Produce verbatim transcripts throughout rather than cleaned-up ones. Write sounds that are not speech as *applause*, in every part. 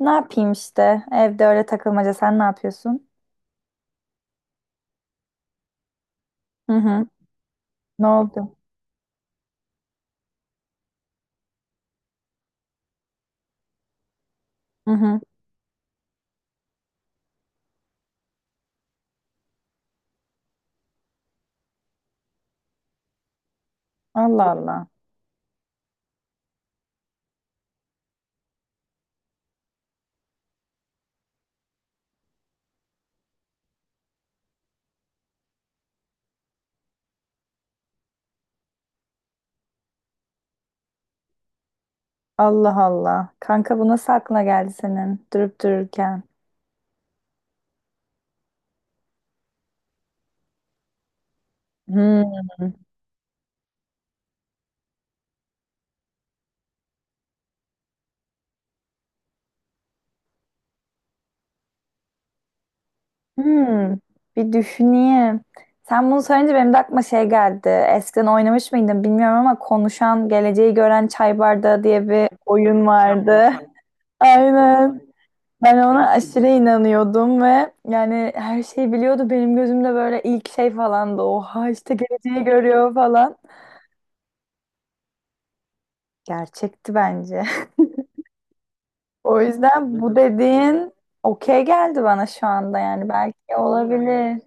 Ne yapayım işte? Evde öyle takılmaca. Sen ne yapıyorsun? Hı hı. Ne oldu? Hı hı. Allah Allah. Allah Allah. Kanka bu nasıl aklına geldi senin durup dururken? Hmm. Hmm, bir düşüneyim. Sen bunu söyleyince benim de aklıma şey geldi. Eskiden oynamış mıydın bilmiyorum ama konuşan, geleceği gören çay bardağı diye bir oyun vardı. *laughs* Aynen. Ben ona aşırı inanıyordum ve yani her şeyi biliyordu. Benim gözümde böyle ilk şey falan falandı. Oha işte geleceği görüyor falan. Gerçekti bence. *laughs* O yüzden bu dediğin okey geldi bana şu anda yani belki olabilir.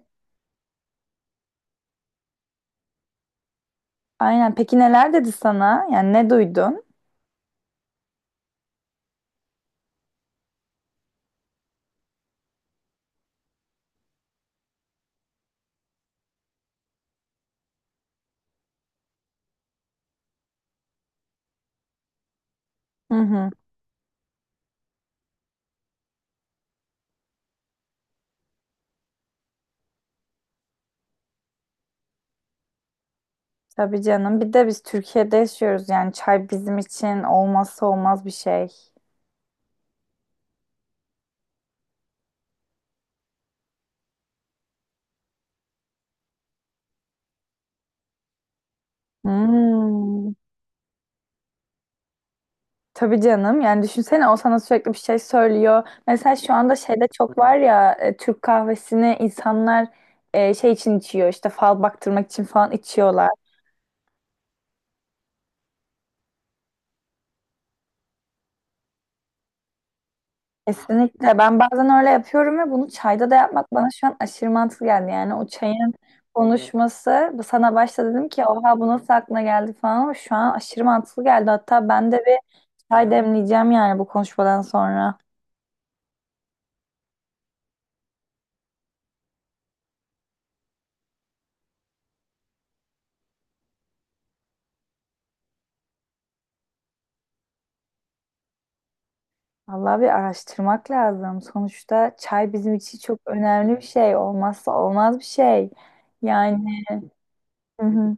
Aynen. Peki neler dedi sana? Yani ne duydun? Hı hı. Tabii canım. Bir de biz Türkiye'de yaşıyoruz yani çay bizim için olmazsa olmaz bir şey. Hmm. Tabii canım. Yani düşünsene o sana sürekli bir şey söylüyor. Mesela şu anda şeyde çok var ya e, Türk kahvesini insanlar e, şey için içiyor işte fal baktırmak için falan içiyorlar. Kesinlikle. Ben bazen öyle yapıyorum ve bunu çayda da yapmak bana şu an aşırı mantıklı geldi. Yani o çayın konuşması bu sana başta dedim ki oha bu nasıl aklına geldi falan ama şu an aşırı mantıklı geldi. Hatta ben de bir çay demleyeceğim yani bu konuşmadan sonra. Vallahi bir araştırmak lazım. Sonuçta çay bizim için çok önemli bir şey. Olmazsa olmaz bir şey. Yani Hı hı.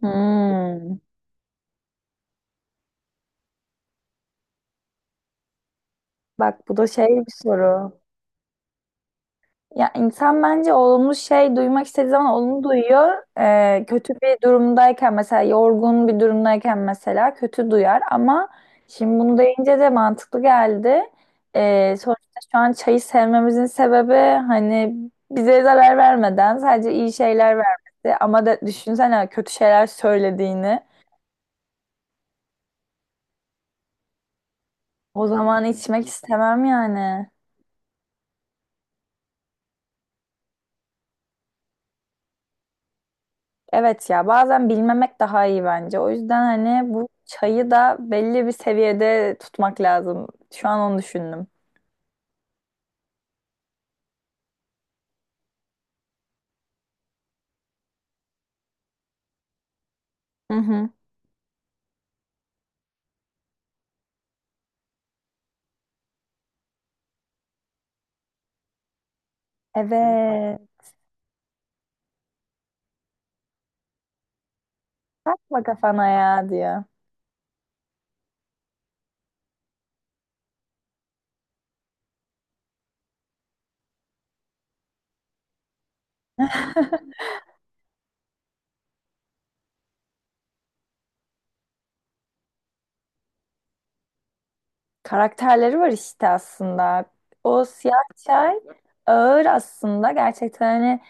Hmm. Bak bu da şey bir soru. Ya insan bence olumlu şey duymak istediği zaman olumlu duyuyor. Ee, kötü bir durumdayken mesela yorgun bir durumdayken mesela kötü duyar ama şimdi bunu deyince de mantıklı geldi. Ee, sonuçta şu an çayı sevmemizin sebebi hani bize zarar vermeden sadece iyi şeyler vermesi ama da düşünsene kötü şeyler söylediğini. O zaman içmek istemem yani. Evet ya bazen bilmemek daha iyi bence. O yüzden hani bu çayı da belli bir seviyede tutmak lazım. Şu an onu düşündüm. Hı hı. Evet. Takma kafana ya diyor. Karakterleri var işte aslında. O siyah çay ağır aslında. Gerçekten hani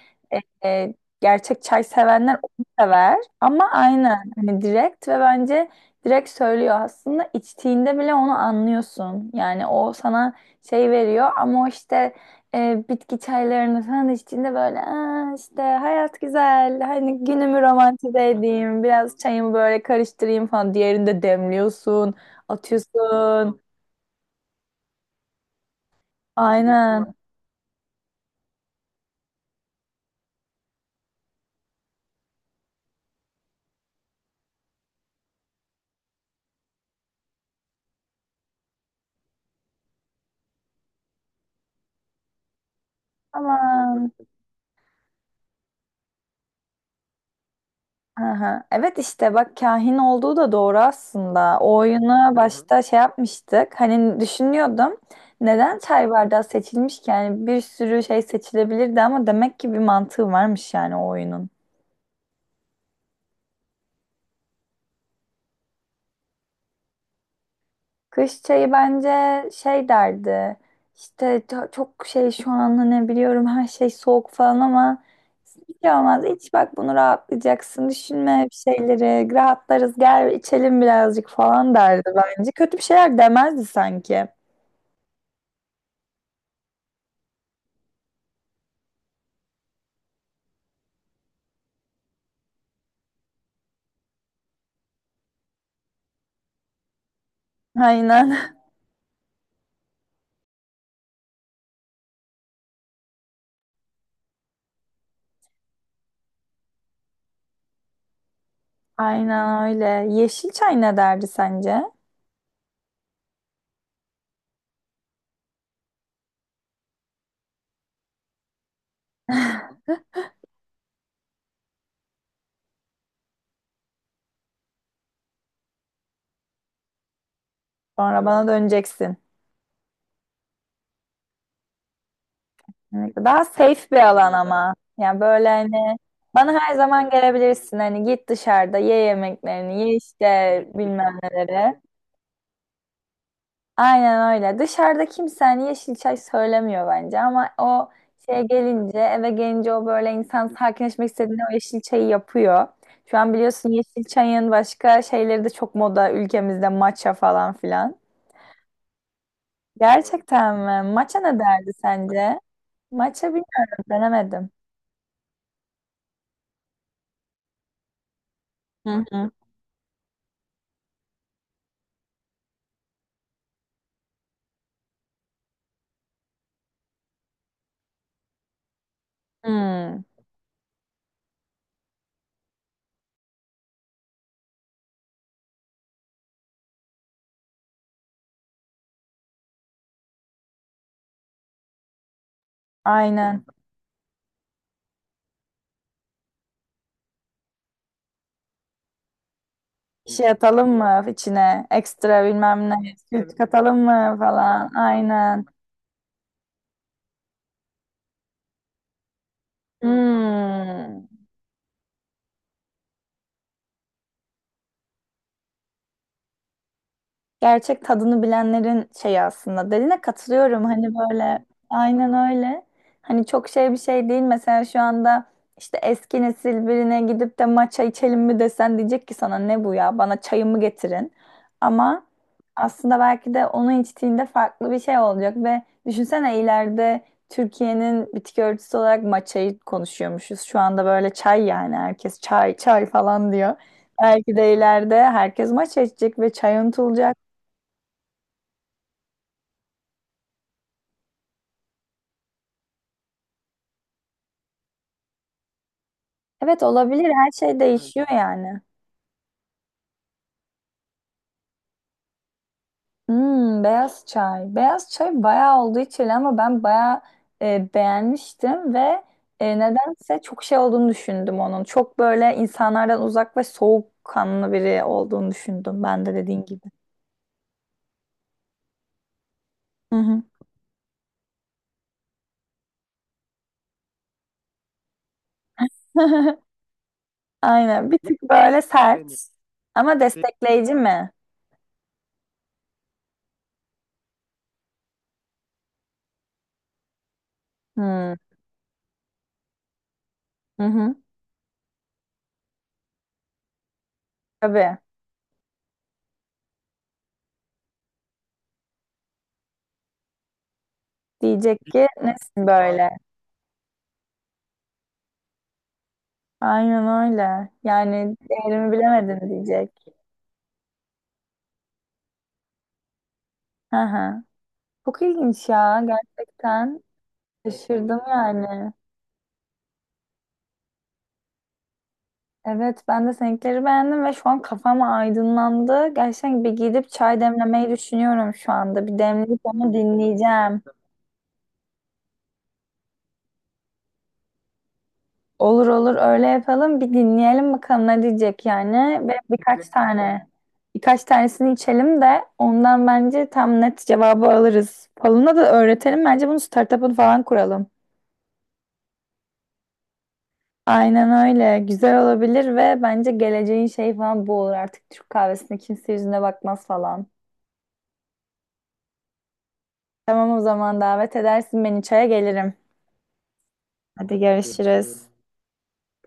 e, e, gerçek çay sevenler onu sever. Ama aynı hani direkt ve bence direkt söylüyor aslında. İçtiğinde bile onu anlıyorsun. Yani o sana şey veriyor ama o işte e, bitki çaylarını falan içtiğinde böyle "Aa, işte hayat güzel. Hani günümü romantize edeyim. Biraz çayımı böyle karıştırayım falan." Diğerinde demliyorsun, atıyorsun. Aynen. Aman. Aha. Evet işte bak kahin olduğu da doğru aslında. O oyunu başta şey yapmıştık. Hani düşünüyordum. Neden çay bardağı seçilmiş ki? Yani bir sürü şey seçilebilirdi ama demek ki bir mantığı varmış yani o oyunun. Kış çayı bence şey derdi. İşte ço- çok şey şu an hani biliyorum her şey soğuk falan ama hiç şey olmaz. İç bak bunu rahatlayacaksın. Düşünme bir şeyleri. Rahatlarız gel içelim birazcık falan derdi bence. Kötü bir şeyler demezdi sanki. Aynen. *laughs* Aynen öyle. Yeşil çay ne derdi sence? Sonra bana döneceksin. Evet, daha safe bir alan ama. Yani böyle hani bana her zaman gelebilirsin. Hani git dışarıda ye yemeklerini, ye işte bilmem neleri. Aynen öyle. Dışarıda kimse hani yeşil çay söylemiyor bence ama o şeye gelince, eve gelince o böyle insan sakinleşmek istediğinde o yeşil çayı yapıyor. Şu an biliyorsun yeşil çayın başka şeyleri de çok moda ülkemizde, matcha falan filan. Gerçekten mi? Matcha ne derdi sence? Matcha bilmiyorum, denemedim. Hı hı. Hmm. Aynen. Bir şey atalım mı içine? Ekstra bilmem ne. Süt katalım mı falan. Aynen. Hmm. Gerçek tadını bilenlerin şeyi aslında. Dediğine katılıyorum. Hani böyle aynen öyle. Hani çok şey bir şey değil. Mesela şu anda işte eski nesil birine gidip de matcha içelim mi desen diyecek ki sana ne bu ya? Bana çayımı getirin. Ama aslında belki de onu içtiğinde farklı bir şey olacak ve düşünsene ileride Türkiye'nin bitki örtüsü olarak matcha'yı konuşuyormuşuz. Şu anda böyle çay yani herkes çay çay falan diyor. Belki de ileride herkes maç içecek ve çay unutulacak. Evet olabilir. Her şey değişiyor yani. Hmm, beyaz çay. Beyaz çay bayağı oldu içili ama ben bayağı e, beğenmiştim ve e, nedense çok şey olduğunu düşündüm onun. Çok böyle insanlardan uzak ve soğukkanlı biri olduğunu düşündüm ben de dediğin gibi. Hı hı. *laughs* Aynen. Bir tık böyle. Yani sert ama destekleyici mi? Hmm. Hı hı. Tabii. Diyecek ki nesin böyle? Aynen öyle. Yani değerimi bilemedin diyecek. Hı hı. Çok ilginç ya gerçekten. Evet. Şaşırdım yani. Evet ben de seninkileri beğendim ve şu an kafam aydınlandı. Gerçekten bir gidip çay demlemeyi düşünüyorum şu anda. Bir demleyip onu dinleyeceğim. Olur olur öyle yapalım. Bir dinleyelim bakalım ne diyecek yani. Ve birkaç tane birkaç tanesini içelim de ondan bence tam net cevabı alırız. Falına da öğretelim. Bence bunu startup'ını falan kuralım. Aynen öyle. Güzel olabilir ve bence geleceğin şey falan bu olur. Artık Türk kahvesine kimse yüzüne bakmaz falan. Tamam o zaman davet edersin beni çaya gelirim. Hadi görüşürüz.